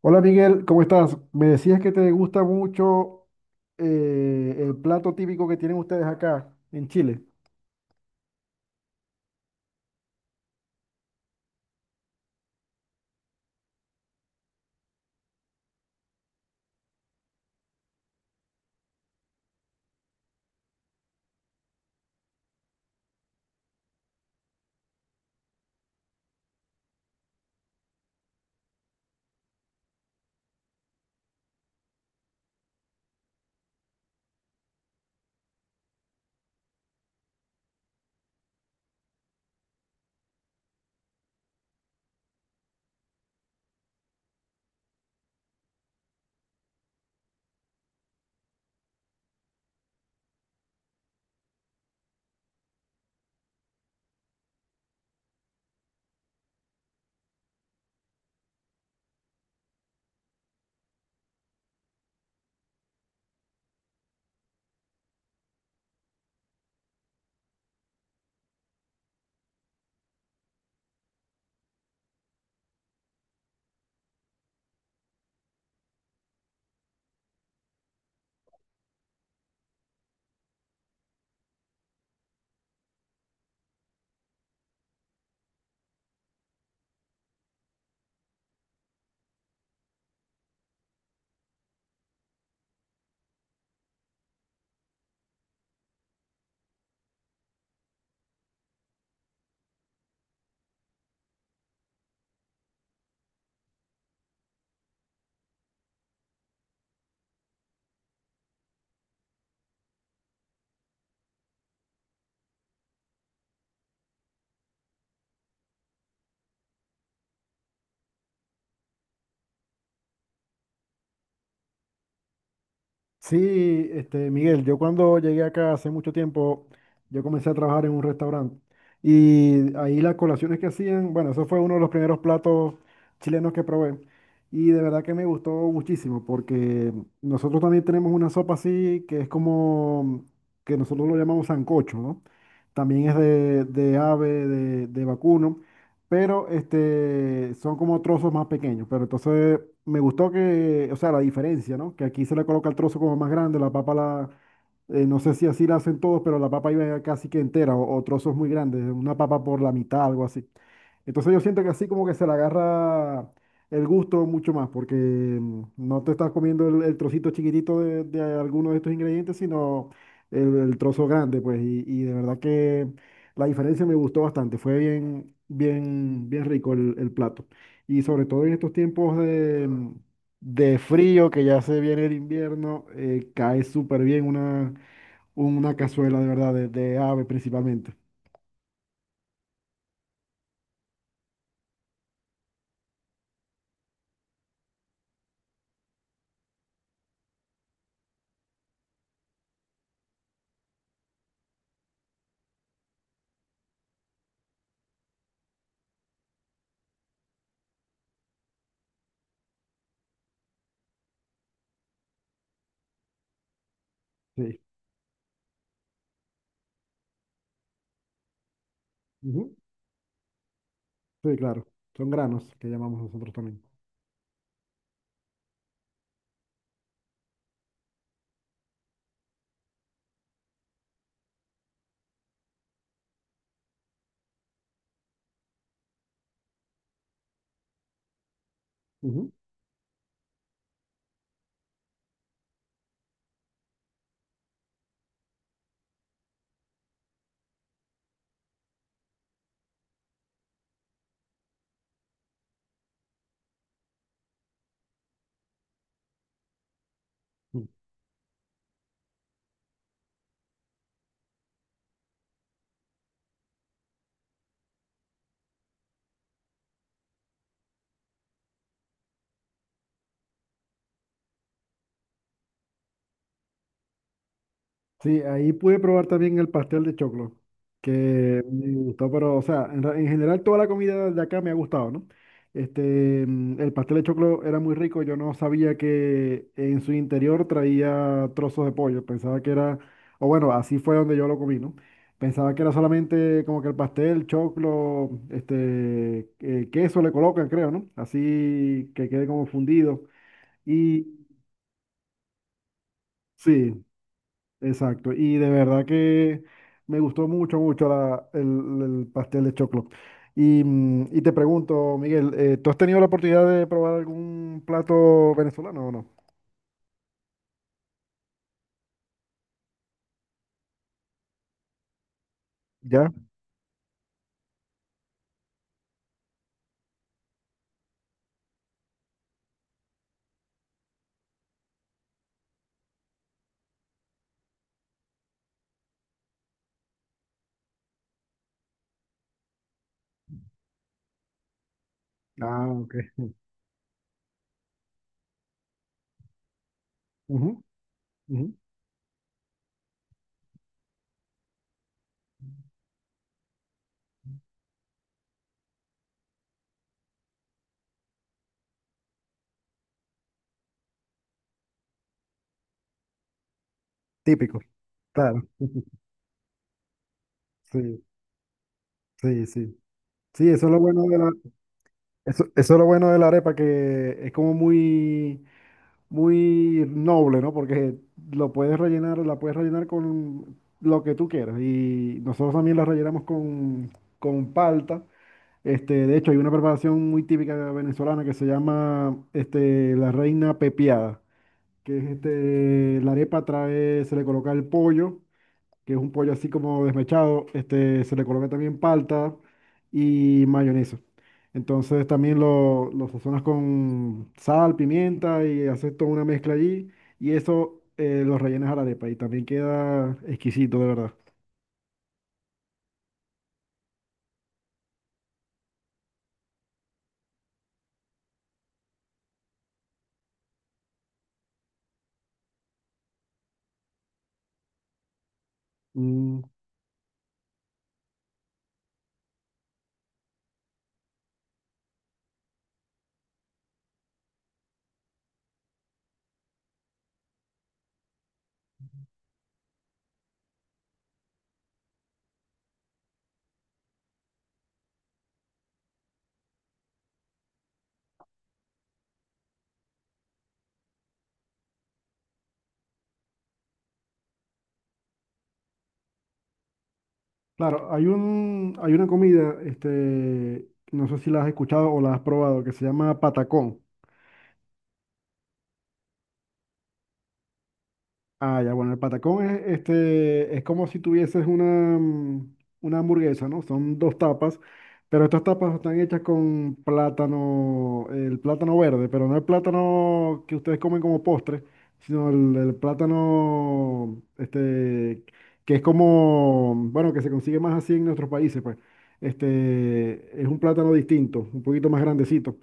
Hola Miguel, ¿cómo estás? Me decías que te gusta mucho el plato típico que tienen ustedes acá en Chile. Sí, este, Miguel, yo cuando llegué acá hace mucho tiempo, yo comencé a trabajar en un restaurante y ahí las colaciones que hacían, bueno, eso fue uno de los primeros platos chilenos que probé y de verdad que me gustó muchísimo porque nosotros también tenemos una sopa así que es como, que nosotros lo llamamos sancocho, ¿no? También es de ave, de vacuno. Pero este, son como trozos más pequeños. Pero entonces me gustó que, o sea, la diferencia, ¿no? Que aquí se le coloca el trozo como más grande, no sé si así la hacen todos, pero la papa iba casi que entera o trozos muy grandes, una papa por la mitad, algo así. Entonces yo siento que así como que se le agarra el gusto mucho más, porque no te estás comiendo el trocito chiquitito de alguno de estos ingredientes, sino el trozo grande, pues, y de verdad que la diferencia me gustó bastante, fue bien, bien, bien rico el plato. Y sobre todo en estos tiempos de frío, que ya se viene el invierno, cae súper bien una cazuela de verdad, de ave principalmente. Sí. Ujú. Sí, claro. Son granos que llamamos nosotros también. Ujú. Sí, ahí pude probar también el pastel de choclo, que me gustó, pero, o sea, en general toda la comida de acá me ha gustado, ¿no? Este, el pastel de choclo era muy rico, yo no sabía que en su interior traía trozos de pollo, pensaba que era, o bueno, así fue donde yo lo comí, ¿no? Pensaba que era solamente como que el pastel, choclo, este, queso le colocan, creo, ¿no? Así que quede como fundido. Y sí, exacto, y de verdad que me gustó mucho, mucho el pastel de choclo. Y, y te pregunto, Miguel, ¿tú has tenido la oportunidad de probar algún plato venezolano o no? ¿Ya? Ah, ok. Ujú, ujú. Típico, claro. Sí, sí, sí. Sí, eso es lo bueno de la, eso es lo bueno de la arepa, que es como muy, muy noble, ¿no? Porque lo puedes rellenar, la puedes rellenar con lo que tú quieras. Y nosotros también la rellenamos con palta. Este, de hecho, hay una preparación muy típica venezolana que se llama este, la reina pepiada, que es este, la arepa trae, se le coloca el pollo que es un pollo así como desmechado, este, se le coloca también palta y mayonesa. Entonces también lo sazonas con sal, pimienta y haces toda una mezcla allí y eso lo rellenas a la arepa y también queda exquisito, de verdad. Mm, claro, hay un, hay una comida, este, no sé si la has escuchado o la has probado, que se llama patacón. Ah, ya, bueno, el patacón es, este, es como si tuvieses una, mm, una hamburguesa, ¿no? Son dos tapas, pero estas tapas están hechas con plátano, el plátano verde, pero no el plátano que ustedes comen como postre, sino el plátano, este, que es como, bueno, que se consigue más así en nuestros países, pues. Este, es un plátano distinto, un poquito más grandecito.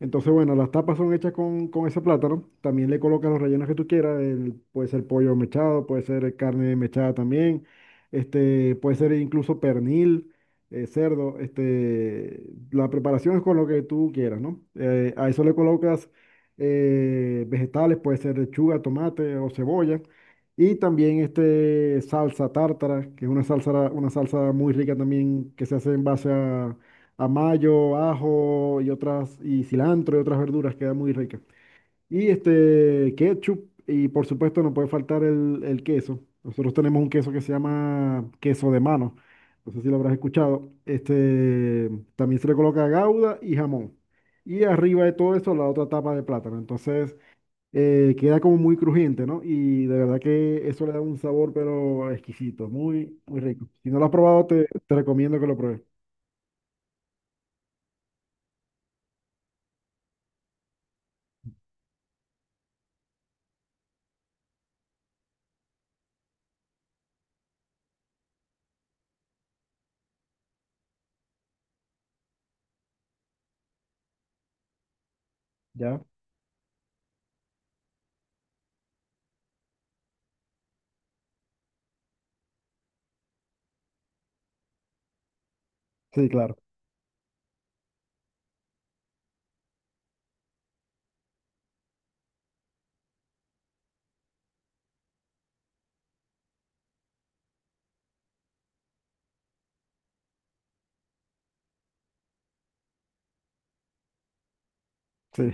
Entonces, bueno, las tapas son hechas con ese plátano. También le colocas los rellenos que tú quieras. Puede ser pollo mechado, puede ser carne mechada también. Este, puede ser incluso pernil, cerdo. Este, la preparación es con lo que tú quieras, ¿no? A eso le colocas vegetales, puede ser lechuga, tomate o cebolla. Y también este, salsa tártara, que es una salsa muy rica también que se hace en base a mayo, ajo y otras, y cilantro y otras verduras, queda muy rica. Y este ketchup, y por supuesto no puede faltar el queso. Nosotros tenemos un queso que se llama queso de mano. No sé si lo habrás escuchado. Este también se le coloca gauda y jamón. Y arriba de todo eso la otra tapa de plátano. Entonces queda como muy crujiente, ¿no? Y de verdad que eso le da un sabor pero exquisito, muy, muy rico. Si no lo has probado, te recomiendo que lo pruebes. ¿Ya? Sí, claro. Sí.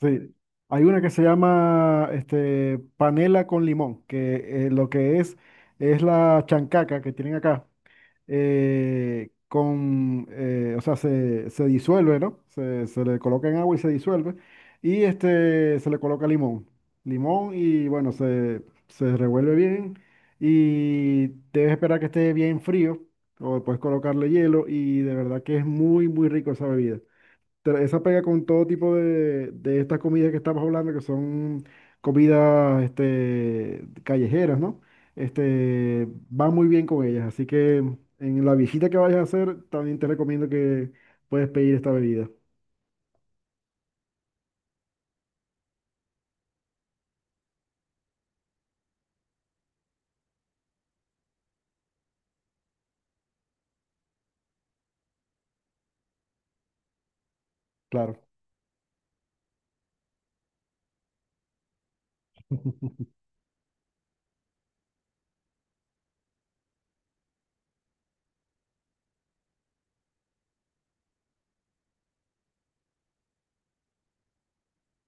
Sí, hay una que se llama este, panela con limón, que lo que es la chancaca que tienen acá, o sea, se disuelve, ¿no? Se le coloca en agua y se disuelve, y este, se le coloca limón, limón y bueno, se revuelve bien y debes esperar que esté bien frío, o puedes colocarle hielo y de verdad que es muy, muy rico esa bebida esa pega con todo tipo de estas comidas que estamos hablando, que son comidas este, callejeras, ¿no? Este, va muy bien con ellas. Así que en la visita que vayas a hacer, también te recomiendo que puedes pedir esta bebida. Claro.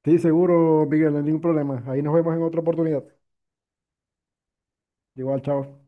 Sí, seguro, Miguel, no hay ningún problema. Ahí nos vemos en otra oportunidad. Igual, chao.